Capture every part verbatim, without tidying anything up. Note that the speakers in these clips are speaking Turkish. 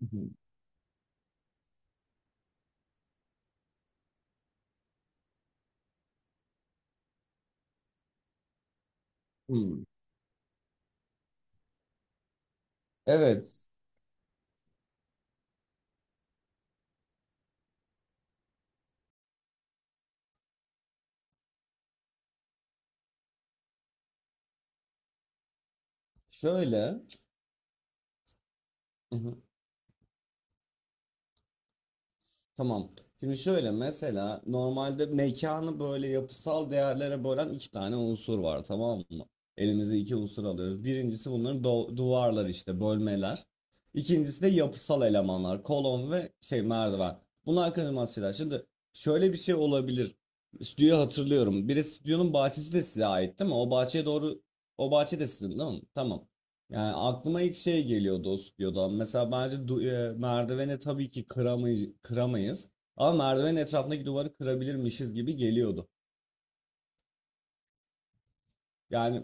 Hı hı. Hmm. Evet. Şöyle. Hı hı. Tamam. Şimdi şöyle mesela normalde mekanı böyle yapısal değerlere bölen iki tane unsur var, tamam mı? Elimize iki unsur alıyoruz. Birincisi bunların do- duvarlar, işte bölmeler. İkincisi de yapısal elemanlar. Kolon ve şey merdiven. Bunlar kaçınılmaz şeyler. Şimdi şöyle bir şey olabilir. Stüdyoyu hatırlıyorum. Bir de stüdyonun bahçesi de size ait değil mi? O bahçeye doğru, o bahçe de sizin değil mi? Tamam. Yani aklıma ilk şey geliyordu dost diyordan. Mesela bence du- e, merdiveni tabii ki kıramay kıramayız. Ama merdivenin etrafındaki duvarı kırabilirmişiz gibi geliyordu. Yani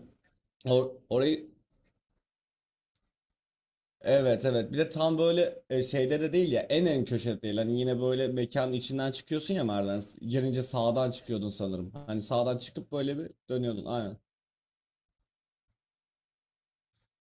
or- orayı, evet evet, bir de tam böyle e, şeyde de değil ya, en en köşede değil. Hani yine böyle mekanın içinden çıkıyorsun ya merdiven. Girince sağdan çıkıyordun sanırım. Hani sağdan çıkıp böyle bir dönüyordun aynen.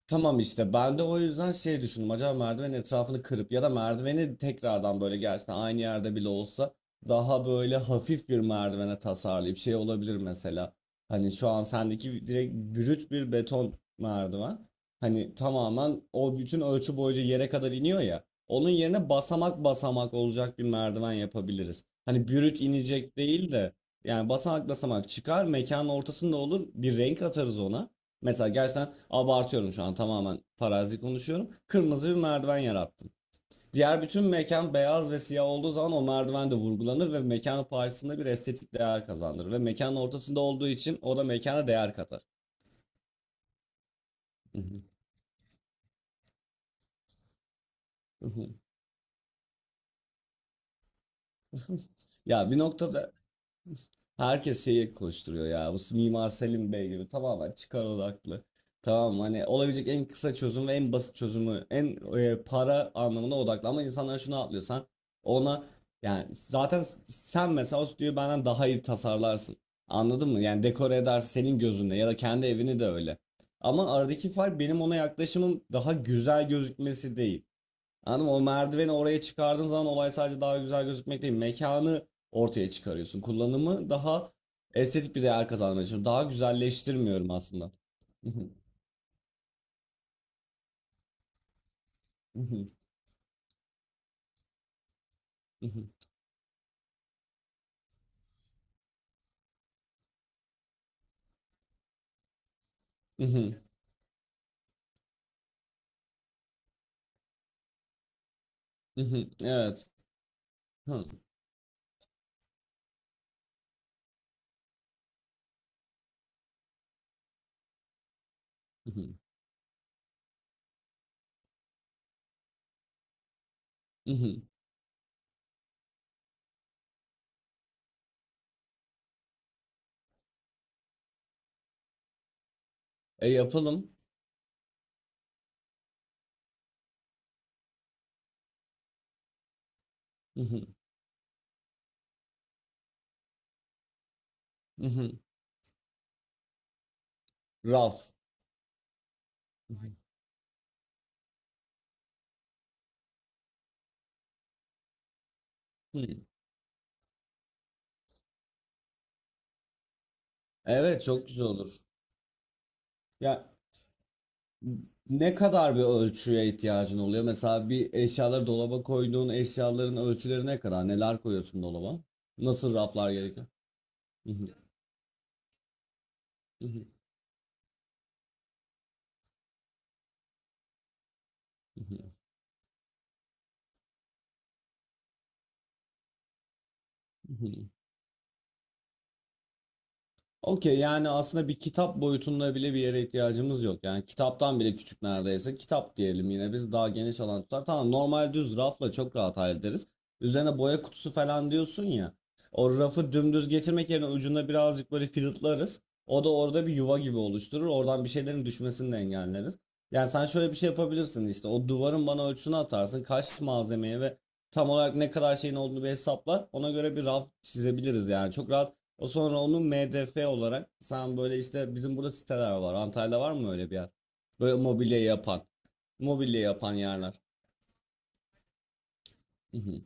Tamam, işte ben de o yüzden şey düşündüm, acaba merdivenin etrafını kırıp ya da merdiveni tekrardan böyle gerçekten aynı yerde bile olsa daha böyle hafif bir merdivene tasarlayıp şey olabilir mesela. Hani şu an sendeki direkt brüt bir beton merdiven. Hani tamamen o bütün ölçü boyunca yere kadar iniyor ya. Onun yerine basamak basamak olacak bir merdiven yapabiliriz. Hani brüt inecek değil de yani basamak basamak çıkar, mekanın ortasında olur, bir renk atarız ona. Mesela, gerçekten abartıyorum şu an, tamamen farazi konuşuyorum. Kırmızı bir merdiven yarattın. Diğer bütün mekan beyaz ve siyah olduğu zaman o merdiven de vurgulanır ve mekanın parçasında bir estetik değer kazandırır. Ve mekanın ortasında olduğu için o da mekana değer katar. Ya bir noktada. Herkes şeyi koşturuyor ya. Bu Mimar Selim Bey gibi tamamen çıkar odaklı. Tamam, hani olabilecek en kısa çözüm ve en basit çözümü, en e, para anlamına odaklı. Ama insanlar şunu atlıyor: sen ona, yani zaten sen mesela o stüdyoyu benden daha iyi tasarlarsın. Anladın mı? Yani dekore edersin senin gözünde ya da kendi evini de öyle. Ama aradaki fark benim ona yaklaşımım daha güzel gözükmesi değil. Anladın mı? O merdiveni oraya çıkardığın zaman olay sadece daha güzel gözükmek değil. Mekanı ortaya çıkarıyorsun. Kullanımı daha estetik bir değer kazanmaya çalışıyorum. Daha güzelleştirmiyorum aslında. Evet. E yapalım. Raf. Evet, çok güzel olur. Ya, ne kadar bir ölçüye ihtiyacın oluyor? Mesela bir eşyaları dolaba koyduğun eşyaların ölçüleri ne kadar? Neler koyuyorsun dolaba? Nasıl raflar gerekiyor? Hı hı, hı hı, hı hı. Okey, yani aslında bir kitap boyutunda bile bir yere ihtiyacımız yok. Yani kitaptan bile küçük neredeyse. Kitap diyelim yine, biz daha geniş alan tutar. Tamam, normal düz rafla çok rahat hallederiz. Üzerine boya kutusu falan diyorsun ya. O rafı dümdüz getirmek yerine ucunda birazcık böyle filtlarız. O da orada bir yuva gibi oluşturur. Oradan bir şeylerin düşmesini de engelleriz. Yani sen şöyle bir şey yapabilirsin işte. O duvarın bana ölçüsünü atarsın. Kaç malzemeye ve tam olarak ne kadar şeyin olduğunu bir hesaplar. Ona göre bir raf çizebiliriz yani. Çok rahat. O sonra onu M D F olarak sen, böyle işte bizim burada siteler var. Antalya'da var mı öyle bir yer? Böyle mobilya yapan. Mobilya yapan yerler. Hı hı.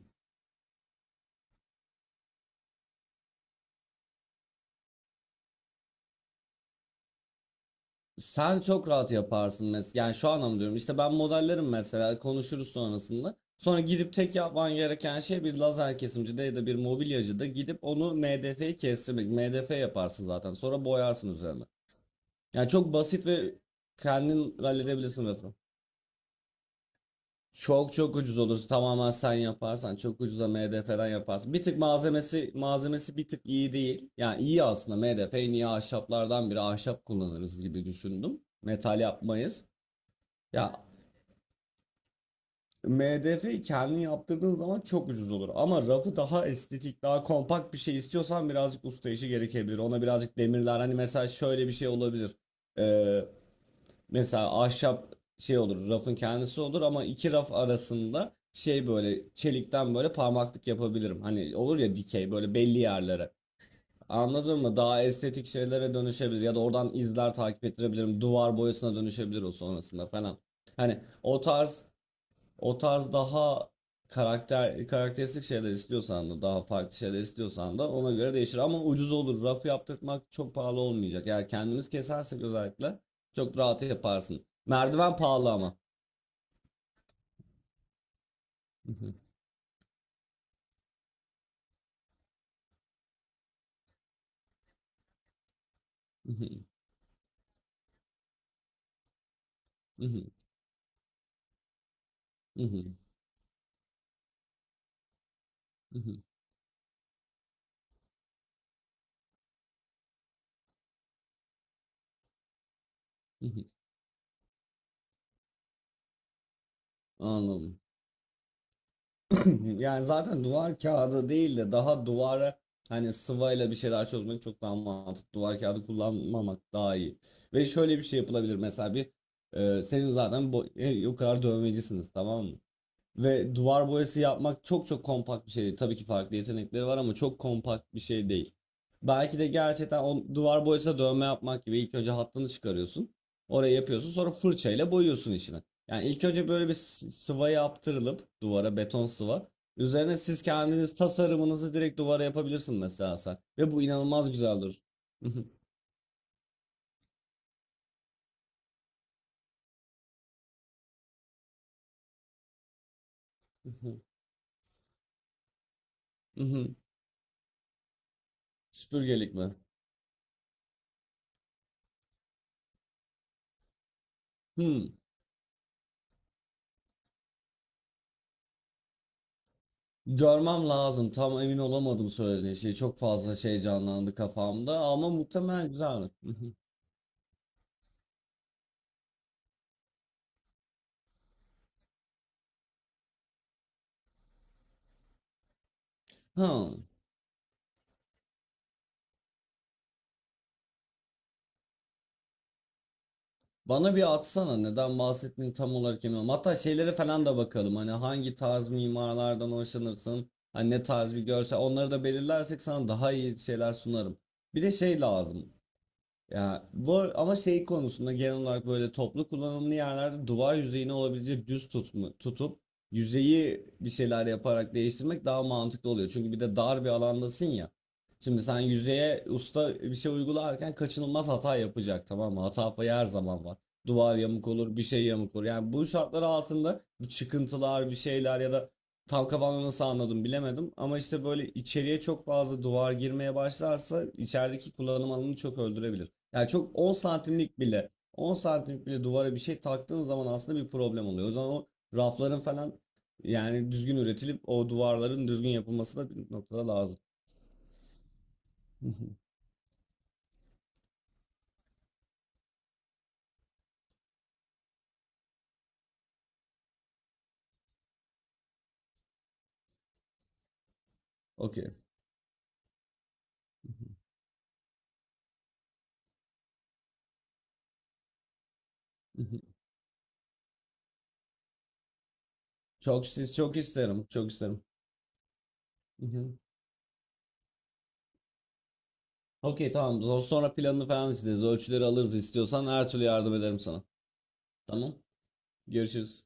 Sen çok rahat yaparsın mesela. Yani şu anlamda diyorum. İşte ben modellerim mesela. Konuşuruz sonrasında. Sonra gidip tek yapman gereken şey bir lazer kesimcide ya da bir mobilyacıda gidip onu M D F'yi kestirmek. M D F yaparsın zaten. Sonra boyarsın üzerine. Yani çok basit ve kendin halledebilirsin mesela. Çok çok ucuz olur. Tamamen sen yaparsan çok ucuza M D F'den yaparsın. Bir tık malzemesi malzemesi bir tık iyi değil. Yani iyi aslında, M D F en iyi ahşaplardan biri, ahşap kullanırız gibi düşündüm. Metal yapmayız. Ya, M D F'yi kendin yaptırdığın zaman çok ucuz olur. Ama rafı daha estetik, daha kompakt bir şey istiyorsan birazcık usta işi gerekebilir. Ona birazcık demirler. Hani mesela şöyle bir şey olabilir. Ee, Mesela ahşap şey olur, rafın kendisi olur ama iki raf arasında şey böyle çelikten böyle parmaklık yapabilirim. Hani olur ya dikey, böyle belli yerlere. Anladın mı? Daha estetik şeylere dönüşebilir ya da oradan izler takip ettirebilirim. Duvar boyasına dönüşebilir o sonrasında falan. Hani o tarz, o tarz daha karakter karakteristik şeyler istiyorsan da, daha farklı şeyler istiyorsan da ona göre değişir. Ama ucuz olur. Rafı yaptırmak çok pahalı olmayacak. Eğer kendimiz kesersek özellikle çok rahat yaparsın. Merdiven pahalı ama. Anladım. Yani zaten duvar kağıdı değil de daha duvara, hani sıvayla bir şeyler çözmek çok daha mantıklı. Duvar kağıdı kullanmamak daha iyi. Ve şöyle bir şey yapılabilir mesela, bir e, senin zaten bu, e, o kadar dövmecisiniz, tamam mı? Ve duvar boyası yapmak çok çok kompakt bir şey değil. Tabii ki farklı yetenekleri var ama çok kompakt bir şey değil. Belki de gerçekten o duvar boyasına dövme yapmak gibi, ilk önce hattını çıkarıyorsun. Oraya yapıyorsun, sonra fırçayla boyuyorsun içine. Yani ilk önce böyle bir s- sıva yaptırılıp duvara, beton sıva. Üzerine siz kendiniz tasarımınızı direkt duvara yapabilirsin mesela sen. Ve bu inanılmaz güzel durur. Süpürgelik mi? Hmm. Görmem lazım. Tam emin olamadım söylediğin şey. Çok fazla şey canlandı kafamda ama muhtemelen güzel. Ha. Bana bir atsana, neden bahsettiğini tam olarak emin olamadım. Hatta şeylere falan da bakalım. Hani hangi tarz mimarlardan hoşlanırsın? Hani ne tarz bir görsel? Onları da belirlersek sana daha iyi şeyler sunarım. Bir de şey lazım. Ya bu ar- ama şey konusunda genel olarak böyle toplu kullanımlı yerlerde duvar yüzeyini olabildiğince düz tutma, tutup yüzeyi bir şeyler yaparak değiştirmek daha mantıklı oluyor. Çünkü bir de dar bir alandasın ya. Şimdi sen yüzeye usta bir şey uygularken kaçınılmaz hata yapacak, tamam mı? Hata payı her zaman var. Duvar yamuk olur, bir şey yamuk olur. Yani bu şartlar altında bu çıkıntılar, bir şeyler ya da, tam kafamda nasıl anladım bilemedim. Ama işte böyle içeriye çok fazla duvar girmeye başlarsa içerideki kullanım alanını çok öldürebilir. Yani çok on santimlik bile, on santimlik bile duvara bir şey taktığın zaman aslında bir problem oluyor. O zaman o rafların falan, yani düzgün üretilip o duvarların düzgün yapılması da bir noktada lazım. Hı hı. Okey. Hı hı. Çok siz çok isterim. Çok isterim. Hı hı. Okey, tamam. Zo- Sonra planını falan isteriz. Ölçüleri alırız istiyorsan, her türlü yardım ederim sana. Tamam. Görüşürüz.